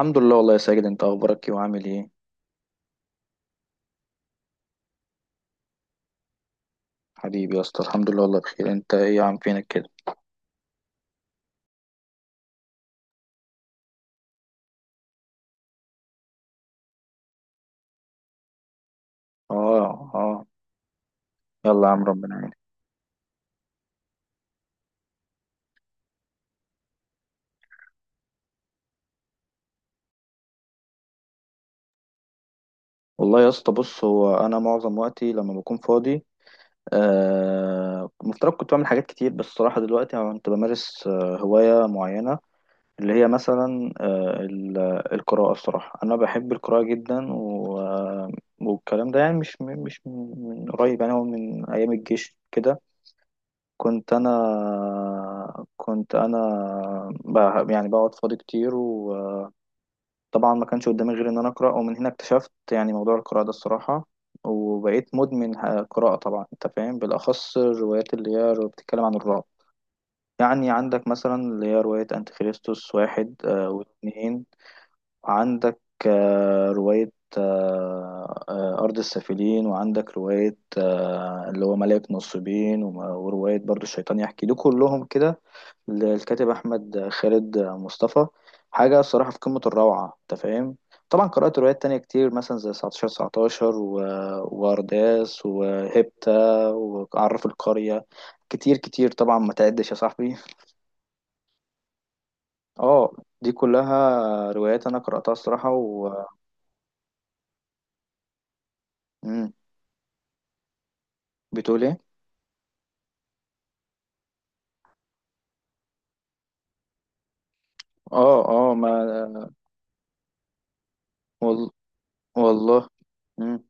الحمد لله، والله يا ساجد، انت اخبارك ايه وعامل ايه؟ حبيبي يا اسطى، الحمد لله والله بخير. انت ايه يا عم، فينك كده؟ اه، اه. يلا يا عم، ربنا يعينك. والله يا اسطى، بص، هو انا معظم وقتي لما بكون فاضي، مفترض كنت بعمل حاجات كتير، بس الصراحه دلوقتي انا كنت بمارس هوايه معينه، اللي هي مثلا القراءه. الصراحه انا بحب القراءه جدا، و آه، والكلام ده يعني مش من قريب، يعني هو من ايام الجيش كده. كنت انا بقى يعني بقعد فاضي كتير، وطبعا ما كانش قدامي غير ان انا اقرا، ومن هنا اكتشفت يعني موضوع القراءه ده الصراحه. وبقيت مدمن قراءه، طبعا انت فاهم، بالاخص الروايات اللي هي بتتكلم عن الرعب. يعني عندك مثلا اللي هي روايه انتيخريستوس واحد، واثنين. وعندك روايه، أرض السافلين. وعندك رواية، اللي هو ملاك نصيبين، ورواية برضو الشيطان يحكي، دول كلهم كده للكاتب احمد خالد مصطفى. حاجه الصراحه في قمه الروعه، انت فاهم. طبعا قرات روايات تانية كتير، مثلا زي 19 19 وارداس، وهيبتا، وعراف القريه، كتير كتير طبعا، ما تعدش يا صاحبي. اه. دي كلها روايات انا قراتها الصراحه. مم. بتقول ايه؟ اه، اه ما وال... والله. مم.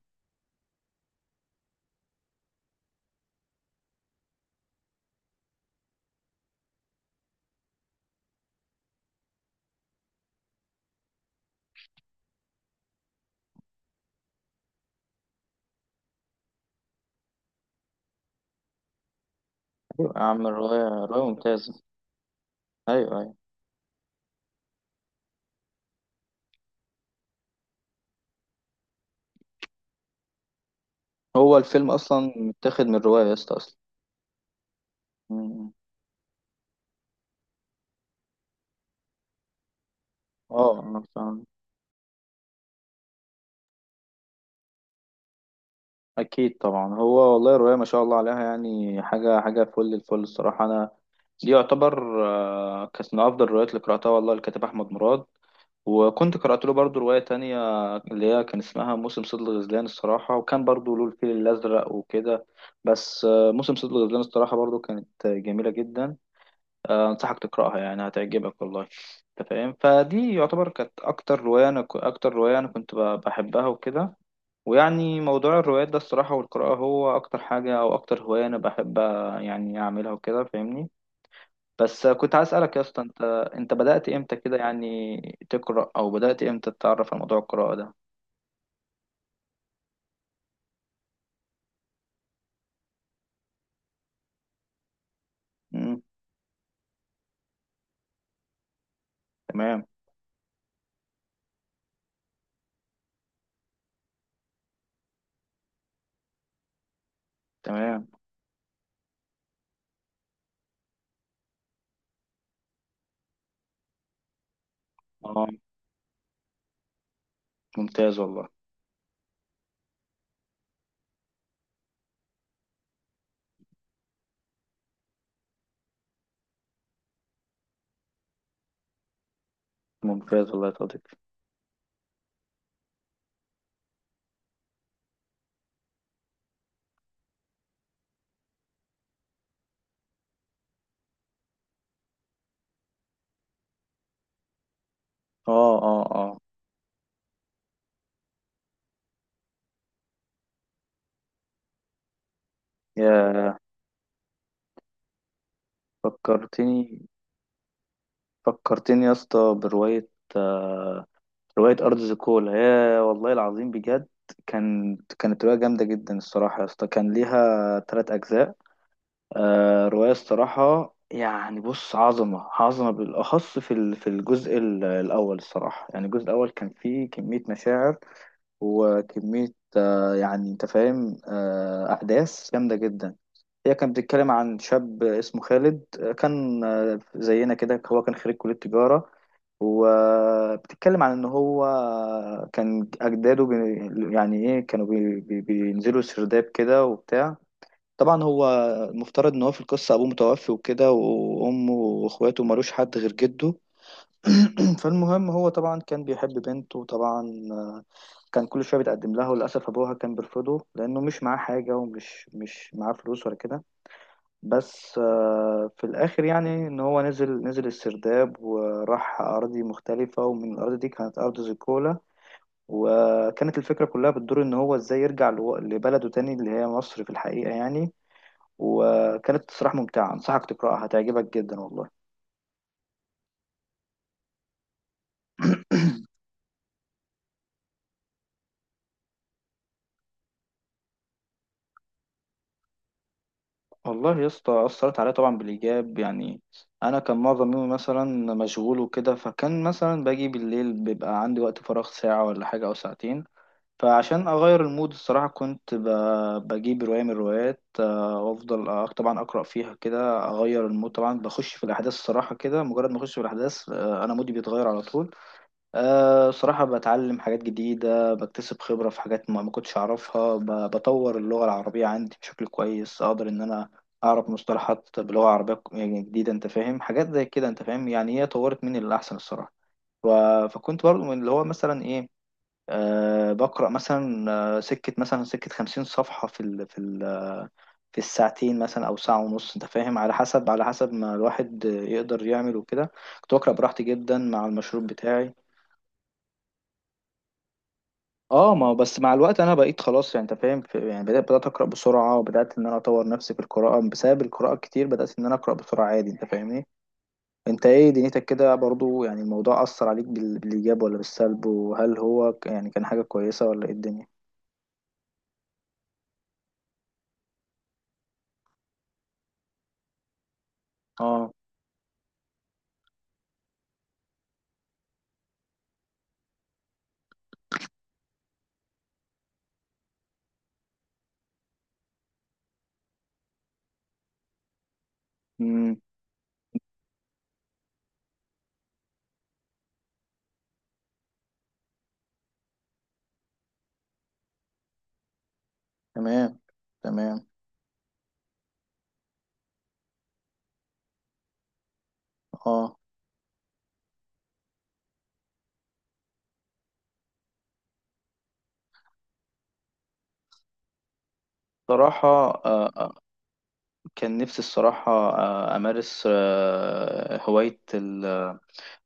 ايوه يا عم، الروايه روايه ممتازه. ايوه، ايوه. هو الفيلم اصلا متاخد من روايه يا اسطى اصلا. مم. اه انا فاهم. اكيد طبعا، هو والله رؤيا ما شاء الله عليها، يعني حاجه حاجه، فل الفل الصراحه. انا دي يعتبر، كانت من افضل الروايات اللي قراتها والله، الكاتب احمد مراد. وكنت قرات له برضو روايه تانية اللي هي كان اسمها موسم صيد الغزلان الصراحه، وكان برضو له الفيل الازرق وكده. بس موسم صيد الغزلان الصراحه برضو كانت جميله جدا. انصحك تقراها يعني، هتعجبك والله، انت فاهم. فدي يعتبر كانت اكتر روايه انا، كنت بحبها وكده. ويعني موضوع الروايات ده الصراحة والقراءة هو أكتر حاجة أو أكتر هواية أنا بحب يعني أعملها وكده، فاهمني. بس كنت عايز أسألك يا اسطى، أنت بدأت إمتى كده يعني تقرأ، أو بدأت إمتى تتعرف على موضوع القراءة ده؟ مم. تمام. تمام. أه. ممتاز والله. ممتاز والله يا صديقي. أه، أه، أه. يا، فكرتني فكرتني يا اسطى برواية، آه، رواية أرض زيكولا، يا والله العظيم بجد. كانت رواية جامدة جدا الصراحة يا اسطى، كان ليها تلات أجزاء. رواية الصراحة، يعني بص، عظمة عظمة، بالأخص في الأول الصراحة. يعني الجزء الأول كان فيه كمية مشاعر وكمية، يعني أنت فاهم، أحداث جامدة جدا. هي كانت بتتكلم عن شاب اسمه خالد، كان زينا كده، هو كان خريج كلية تجارة. وبتتكلم عن ان هو كان اجداده يعني ايه، كانوا بي بي بينزلوا سرداب كده وبتاع. طبعا هو المفترض ان هو في القصه ابوه متوفي وكده، وامه واخواته ملوش حد غير جده. فالمهم هو طبعا كان بيحب بنته، وطبعا كان كل شويه بيتقدم لها، وللاسف ابوها كان بيرفضه لانه مش معاه حاجه، ومش مش معاه فلوس ولا كده. بس في الآخر يعني إن هو نزل السرداب، وراح أراضي مختلفة، ومن الأراضي دي كانت أرض زيكولا. وكانت الفكرة كلها بتدور إن هو إزاي يرجع لبلده تاني اللي هي مصر في الحقيقة يعني. وكانت صراحة ممتعة، أنصحك تقرأها، هتعجبك جدا والله. والله يا اسطى، أثرت عليا طبعا بالإيجاب يعني. أنا كان معظم يومي مثلا مشغول وكده، فكان مثلا باجي بالليل بيبقى عندي وقت فراغ ساعة ولا حاجة أو ساعتين. فعشان اغير المود الصراحه كنت بجيب روايه من الروايات، وافضل طبعا اقرا فيها كده، اغير المود، طبعا بخش في الاحداث الصراحه كده، مجرد ما اخش في الاحداث، انا مودي بيتغير على طول. صراحه بتعلم حاجات جديده، بكتسب خبره في حاجات ما كنتش اعرفها، بطور اللغه العربيه عندي بشكل كويس، اقدر ان انا اعرف مصطلحات بلغه عربيه يعني جديده، انت فاهم، حاجات زي كده انت فاهم، يعني هي طورت مني للاحسن الصراحه. ف- فكنت برضو من اللي هو مثلا ايه، بقرأ مثلا، سكة خمسين صفحة في ال في ال في الساعتين مثلا أو ساعة ونص. أنت فاهم، على حسب ما الواحد يقدر يعمل وكده. كنت بقرأ براحتي جدا مع المشروب بتاعي. اه، ما هو بس مع الوقت انا بقيت خلاص يعني انت فاهم، يعني بدات اقرا بسرعه. وبدات ان انا اطور نفسي في القراءه، بسبب القراءه الكتير بدات ان انا اقرا بسرعه عادي، انت فاهمني. انت ايه دنيتك كده برضو؟ يعني الموضوع اثر عليك بالايجاب ولا بالسلب؟ وهل هو يعني كان حاجه كويسه ولا ايه الدنيا؟ اه. تمام. تمام. اه. صراحة، آه، آه، كان نفسي الصراحة، أمارس هواية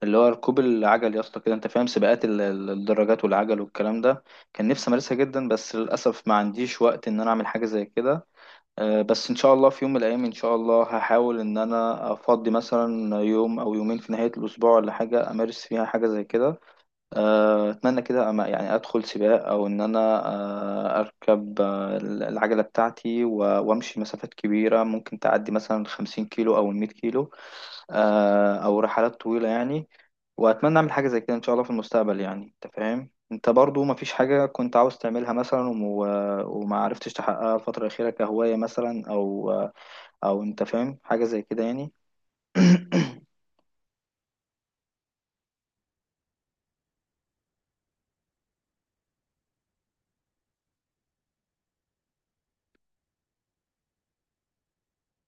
اللي هو ركوب العجل يا اسطى كده. أنت فاهم سباقات الدراجات والعجل والكلام ده، كان نفسي أمارسها جدا، بس للأسف ما عنديش وقت إن أنا أعمل حاجة زي كده. بس إن شاء الله في يوم من الأيام، إن شاء الله هحاول إن أنا أفضي مثلا يوم أو يومين في نهاية الأسبوع ولا حاجة، أمارس فيها حاجة زي كده. اتمنى كده أما يعني ادخل سباق او ان انا، اركب العجله بتاعتي، وامشي مسافات كبيره ممكن تعدي مثلا 50 كيلو او 100 كيلو، او رحلات طويله يعني. واتمنى اعمل حاجه زي كده ان شاء الله في المستقبل يعني، انت فاهم. انت برضو ما فيش حاجه كنت عاوز تعملها مثلا، وما عرفتش تحققها الفتره الاخيره كهوايه مثلا، او او انت فاهم حاجه زي كده يعني.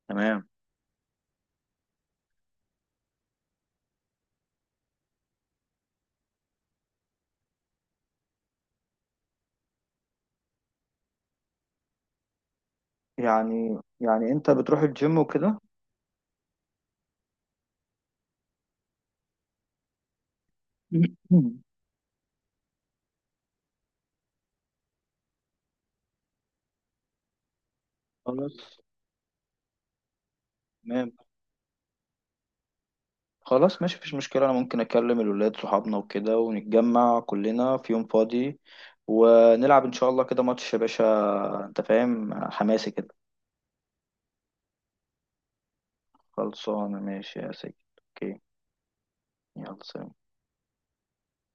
تمام. يعني انت بتروح الجيم وكده. خلاص. تمام. خلاص ماشي، مفيش مشكلة، أنا ممكن أكلم الولاد صحابنا وكده ونتجمع كلنا في يوم فاضي، ونلعب إن شاء الله كده ماتش يا باشا، أنت فاهم، حماسي كده. خلصانة ماشي يا سيدي. أوكي. يلا، سلام.